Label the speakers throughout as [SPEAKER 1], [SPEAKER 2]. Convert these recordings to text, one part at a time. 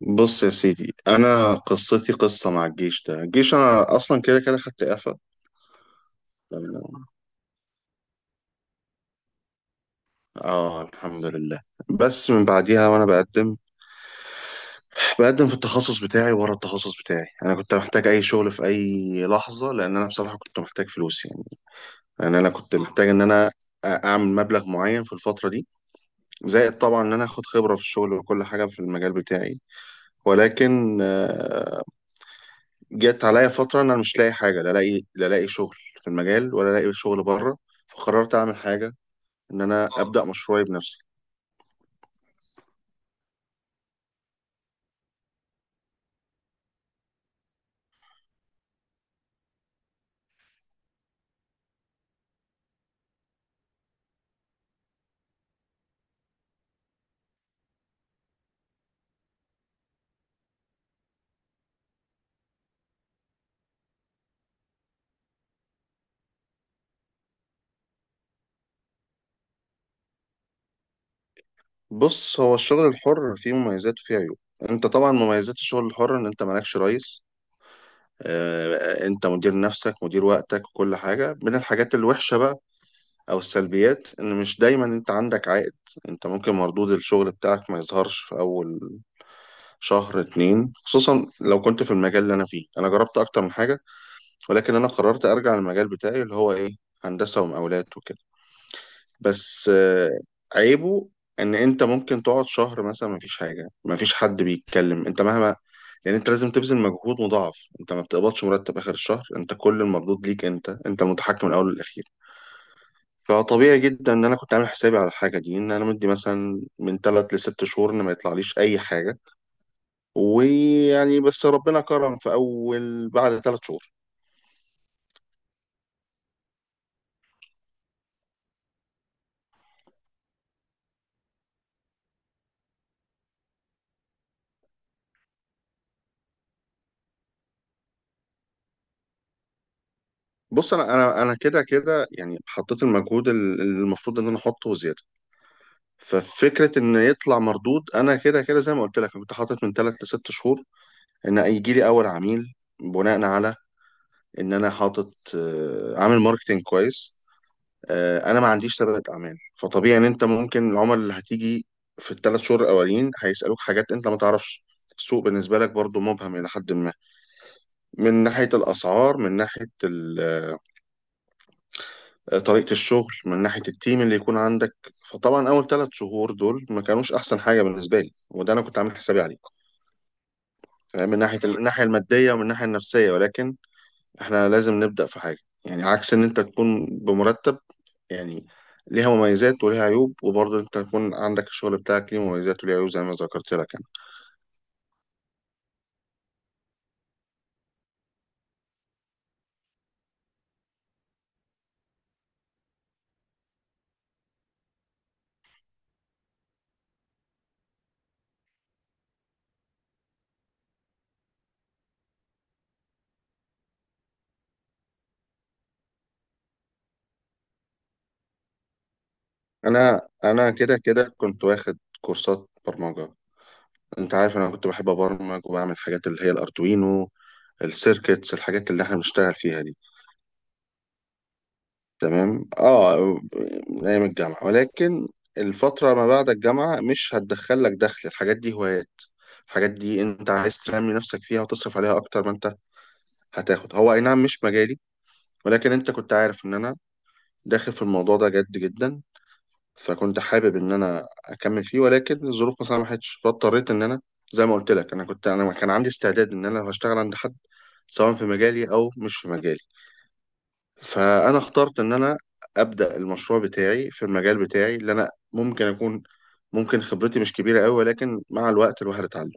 [SPEAKER 1] بص يا سيدي، انا قصتي قصه مع الجيش. ده الجيش انا اصلا كده كده خدت اعفاء. تمام. اه الحمد لله. بس من بعديها وانا بقدم في التخصص بتاعي ورا التخصص بتاعي. انا كنت محتاج اي شغل في اي لحظه، لان انا بصراحه كنت محتاج فلوس يعني. لان انا كنت محتاج ان انا اعمل مبلغ معين في الفتره دي، زائد طبعا ان انا اخد خبره في الشغل وكل حاجه في المجال بتاعي. ولكن جت عليا فترة إن أنا مش لاقي حاجة، لا لاقي شغل في المجال، ولا لاقي شغل بره. فقررت أعمل حاجة، إن أنا أبدأ مشروعي بنفسي. بص، هو الشغل الحر فيه مميزات وفيه عيوب. أنت طبعا مميزات الشغل الحر إن أنت مالكش رئيس. أنت مدير نفسك مدير وقتك. وكل حاجة من الحاجات الوحشة بقى أو السلبيات، إن مش دايما أنت عندك عائد. أنت ممكن مردود الشغل بتاعك ما يظهرش في أول شهر اتنين، خصوصا لو كنت في المجال اللي أنا فيه. أنا جربت أكتر من حاجة، ولكن انا قررت ارجع للمجال بتاعي اللي هو ايه، هندسه ومقاولات وكده. بس عيبه ان انت ممكن تقعد شهر مثلا، مفيش حاجه مفيش حد بيتكلم. انت مهما يعني، انت لازم تبذل مجهود مضاعف. انت ما بتقبضش مرتب اخر الشهر، انت كل المردود ليك، انت المتحكم من الاول والاخير. فطبيعي جدا ان انا كنت عامل حسابي على الحاجه دي، ان انا مدي مثلا من ثلاث لست شهور ان ما يطلعليش اي حاجه. ويعني بس ربنا كرم في اول بعد ثلاث شهور. بص انا كده كده يعني حطيت المجهود المفروض ان انا احطه وزياده. ففكره ان يطلع مردود، انا كده كده زي ما قلت لك، أنا كنت حاطط من ثلاث لست شهور ان هيجي لي اول عميل، بناء على ان انا حاطط عامل ماركتينج كويس. انا ما عنديش سابقه اعمال، فطبيعي ان انت ممكن العملاء اللي هتيجي في الثلاث شهور الاولين هيسالوك حاجات انت ما تعرفش. السوق بالنسبه لك برضو مبهم الى حد ما، من ناحيه الاسعار، من ناحيه طريقة الشغل، من ناحية التيم اللي يكون عندك. فطبعا أول ثلاث شهور دول ما كانوش أحسن حاجة بالنسبة لي، وده أنا كنت عامل حسابي عليه. فاهم؟ من ناحية، من الناحية المادية ومن الناحية النفسية، ولكن إحنا لازم نبدأ في حاجة. يعني عكس إن أنت تكون بمرتب، يعني ليها مميزات وليها عيوب، وبرضه أنت تكون عندك الشغل بتاعك ليه مميزات وليه عيوب زي ما ذكرت لك. أنا أنا أنا كده كده كنت واخد كورسات برمجة. أنت عارف أنا كنت بحب أبرمج وبعمل حاجات اللي هي الأردوينو، السيركتس، الحاجات اللي إحنا بنشتغل فيها دي. تمام اه. من ايام الجامعه، ولكن الفتره ما بعد الجامعه مش هتدخل لك دخل، الحاجات دي هوايات. الحاجات دي انت عايز تنمي نفسك فيها وتصرف عليها اكتر ما انت هتاخد، هو اي نعم مش مجالي، ولكن انت كنت عارف ان انا داخل في الموضوع ده جد جدا. فكنت حابب ان انا اكمل فيه، ولكن الظروف ما سمحتش، فاضطريت ان انا، زي ما قلت لك، انا كان عندي استعداد ان انا لو هشتغل عند حد، سواء في مجالي او مش في مجالي. فانا اخترت ان انا ابدا المشروع بتاعي في المجال بتاعي اللي انا ممكن خبرتي مش كبيره قوي، ولكن مع الوقت الواحد اتعلم.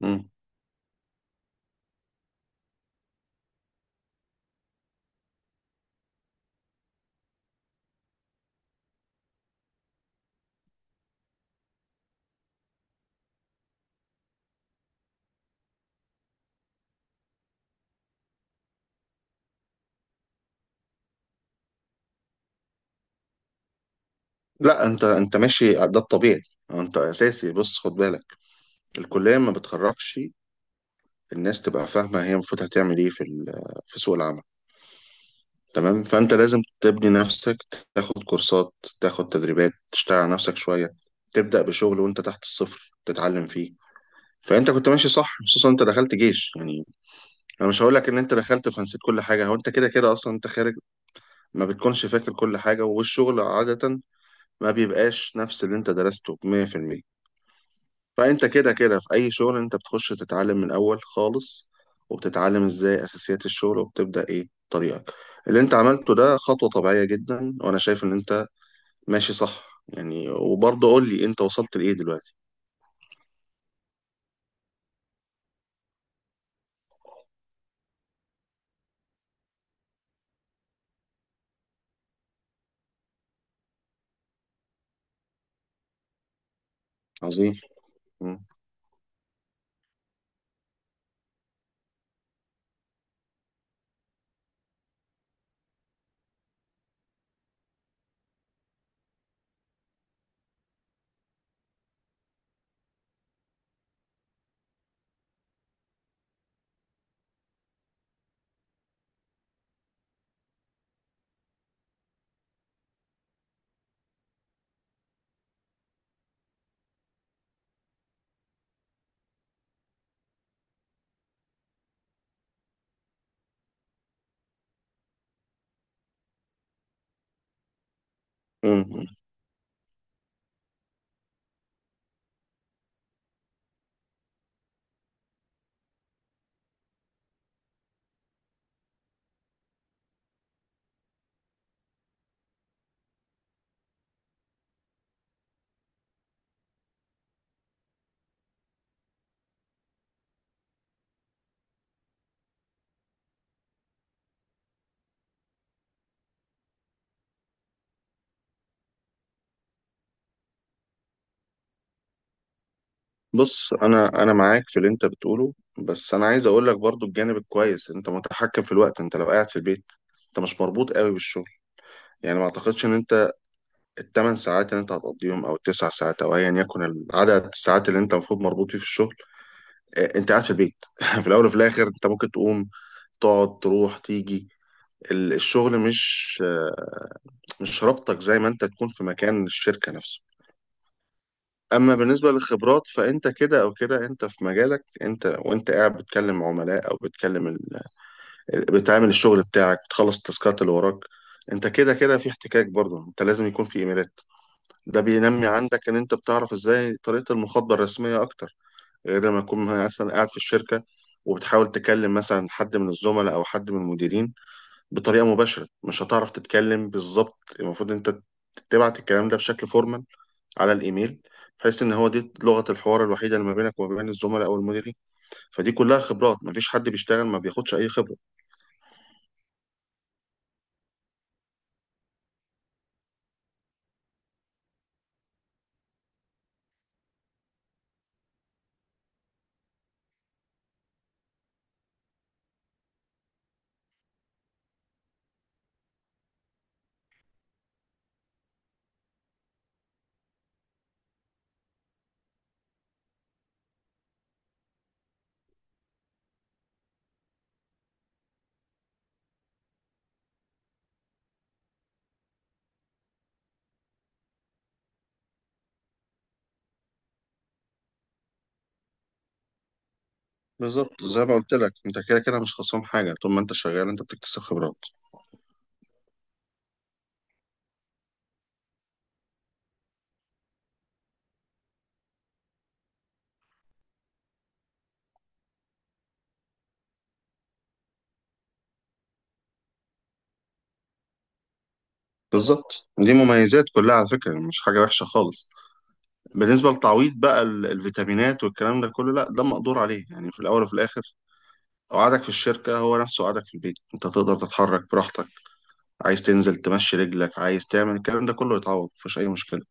[SPEAKER 1] مم. لا، انت ماشي ده الطبيعي. أه، انت اساسي. بص خد بالك، الكليه ما بتخرجش الناس تبقى فاهمه هي المفروض هتعمل ايه في في سوق العمل. تمام، فانت لازم تبني نفسك، تاخد كورسات، تاخد تدريبات، تشتغل على نفسك شويه، تبدا بشغل وانت تحت الصفر تتعلم فيه. فانت كنت ماشي صح، خصوصا انت دخلت جيش يعني. انا مش هقول لك ان انت دخلت فنسيت كل حاجه، هو انت كده كده اصلا انت خارج، ما بتكونش فاكر كل حاجه. والشغل عاده ما بيبقاش نفس اللي انت درسته 100%. فانت كده كده في اي شغل انت بتخش تتعلم من الاول خالص، وبتتعلم ازاي اساسيات الشغل، وبتبدا ايه طريقك. اللي انت عملته ده خطوه طبيعيه جدا، وانا شايف ان انت ماشي صح يعني. وبرضه قول لي انت وصلت لايه دلوقتي؟ عظيم. مم. مم. بص انا معاك في اللي انت بتقوله، بس انا عايز اقول لك برضو الجانب الكويس. انت متحكم في الوقت، انت لو قاعد في البيت، انت مش مربوط قوي بالشغل. يعني ما اعتقدش ان انت الثمان ساعات اللي انت هتقضيهم، او التسع ساعات، او ايا يكن العدد الساعات اللي انت المفروض مربوط فيه في الشغل، انت قاعد في البيت في الاول وفي الاخر انت ممكن تقوم تقعد تروح تيجي. الشغل مش رابطك زي ما انت تكون في مكان الشركة نفسه. اما بالنسبه للخبرات، فانت كده او كده انت في مجالك. انت وانت قاعد بتكلم عملاء او بتكلم بتعمل الشغل بتاعك، بتخلص التاسكات اللي وراك، انت كده كده في احتكاك. برضه انت لازم يكون في ايميلات، ده بينمي عندك ان انت بتعرف ازاي طريقه المخاطبه الرسميه اكتر، غير لما تكون مثلا قاعد في الشركه، وبتحاول تكلم مثلا حد من الزملاء او حد من المديرين بطريقه مباشره، مش هتعرف تتكلم بالظبط. المفروض انت تبعت الكلام ده بشكل فورمال على الايميل، بحيث ان هو دي لغه الحوار الوحيده اللي ما بينك وما بين الزملاء او المديرين. فدي كلها خبرات، ما فيش حد بيشتغل ما بياخدش اي خبره. بالظبط، زي ما قلت لك انت كده كده مش خسران حاجه، طول ما انت شغال انت بتكتسب خبرات. بالظبط، دي مميزات كلها على فكره، مش حاجه وحشه خالص. بالنسبه للتعويض بقى، الفيتامينات والكلام ده كله، لا ده مقدور عليه يعني. في الاول وفي الاخر قعدك في الشركه هو نفسه قعدك في البيت، انت تقدر تتحرك براحتك. عايز تنزل تمشي رجلك، عايز تعمل الكلام ده كله يتعوض، مفيش اي مشكله.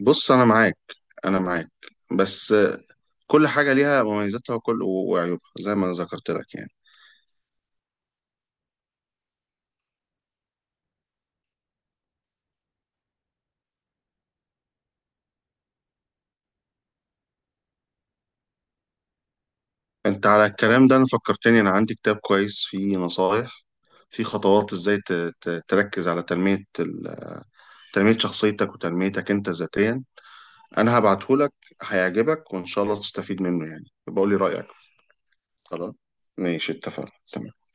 [SPEAKER 1] بص انا معاك، انا معاك، بس كل حاجه ليها مميزاتها وكل وعيوبها زي ما ذكرت لك يعني. انت على الكلام ده انا فكرتني، انا عندي كتاب كويس فيه نصايح، في خطوات ازاي تركز على تنميه تنميه شخصيتك وتنميتك انت ذاتيا. انا هبعته لك، هيعجبك، وان شاء الله تستفيد منه يعني، بقول لي رايك. خلاص ماشي، اتفقنا تمام.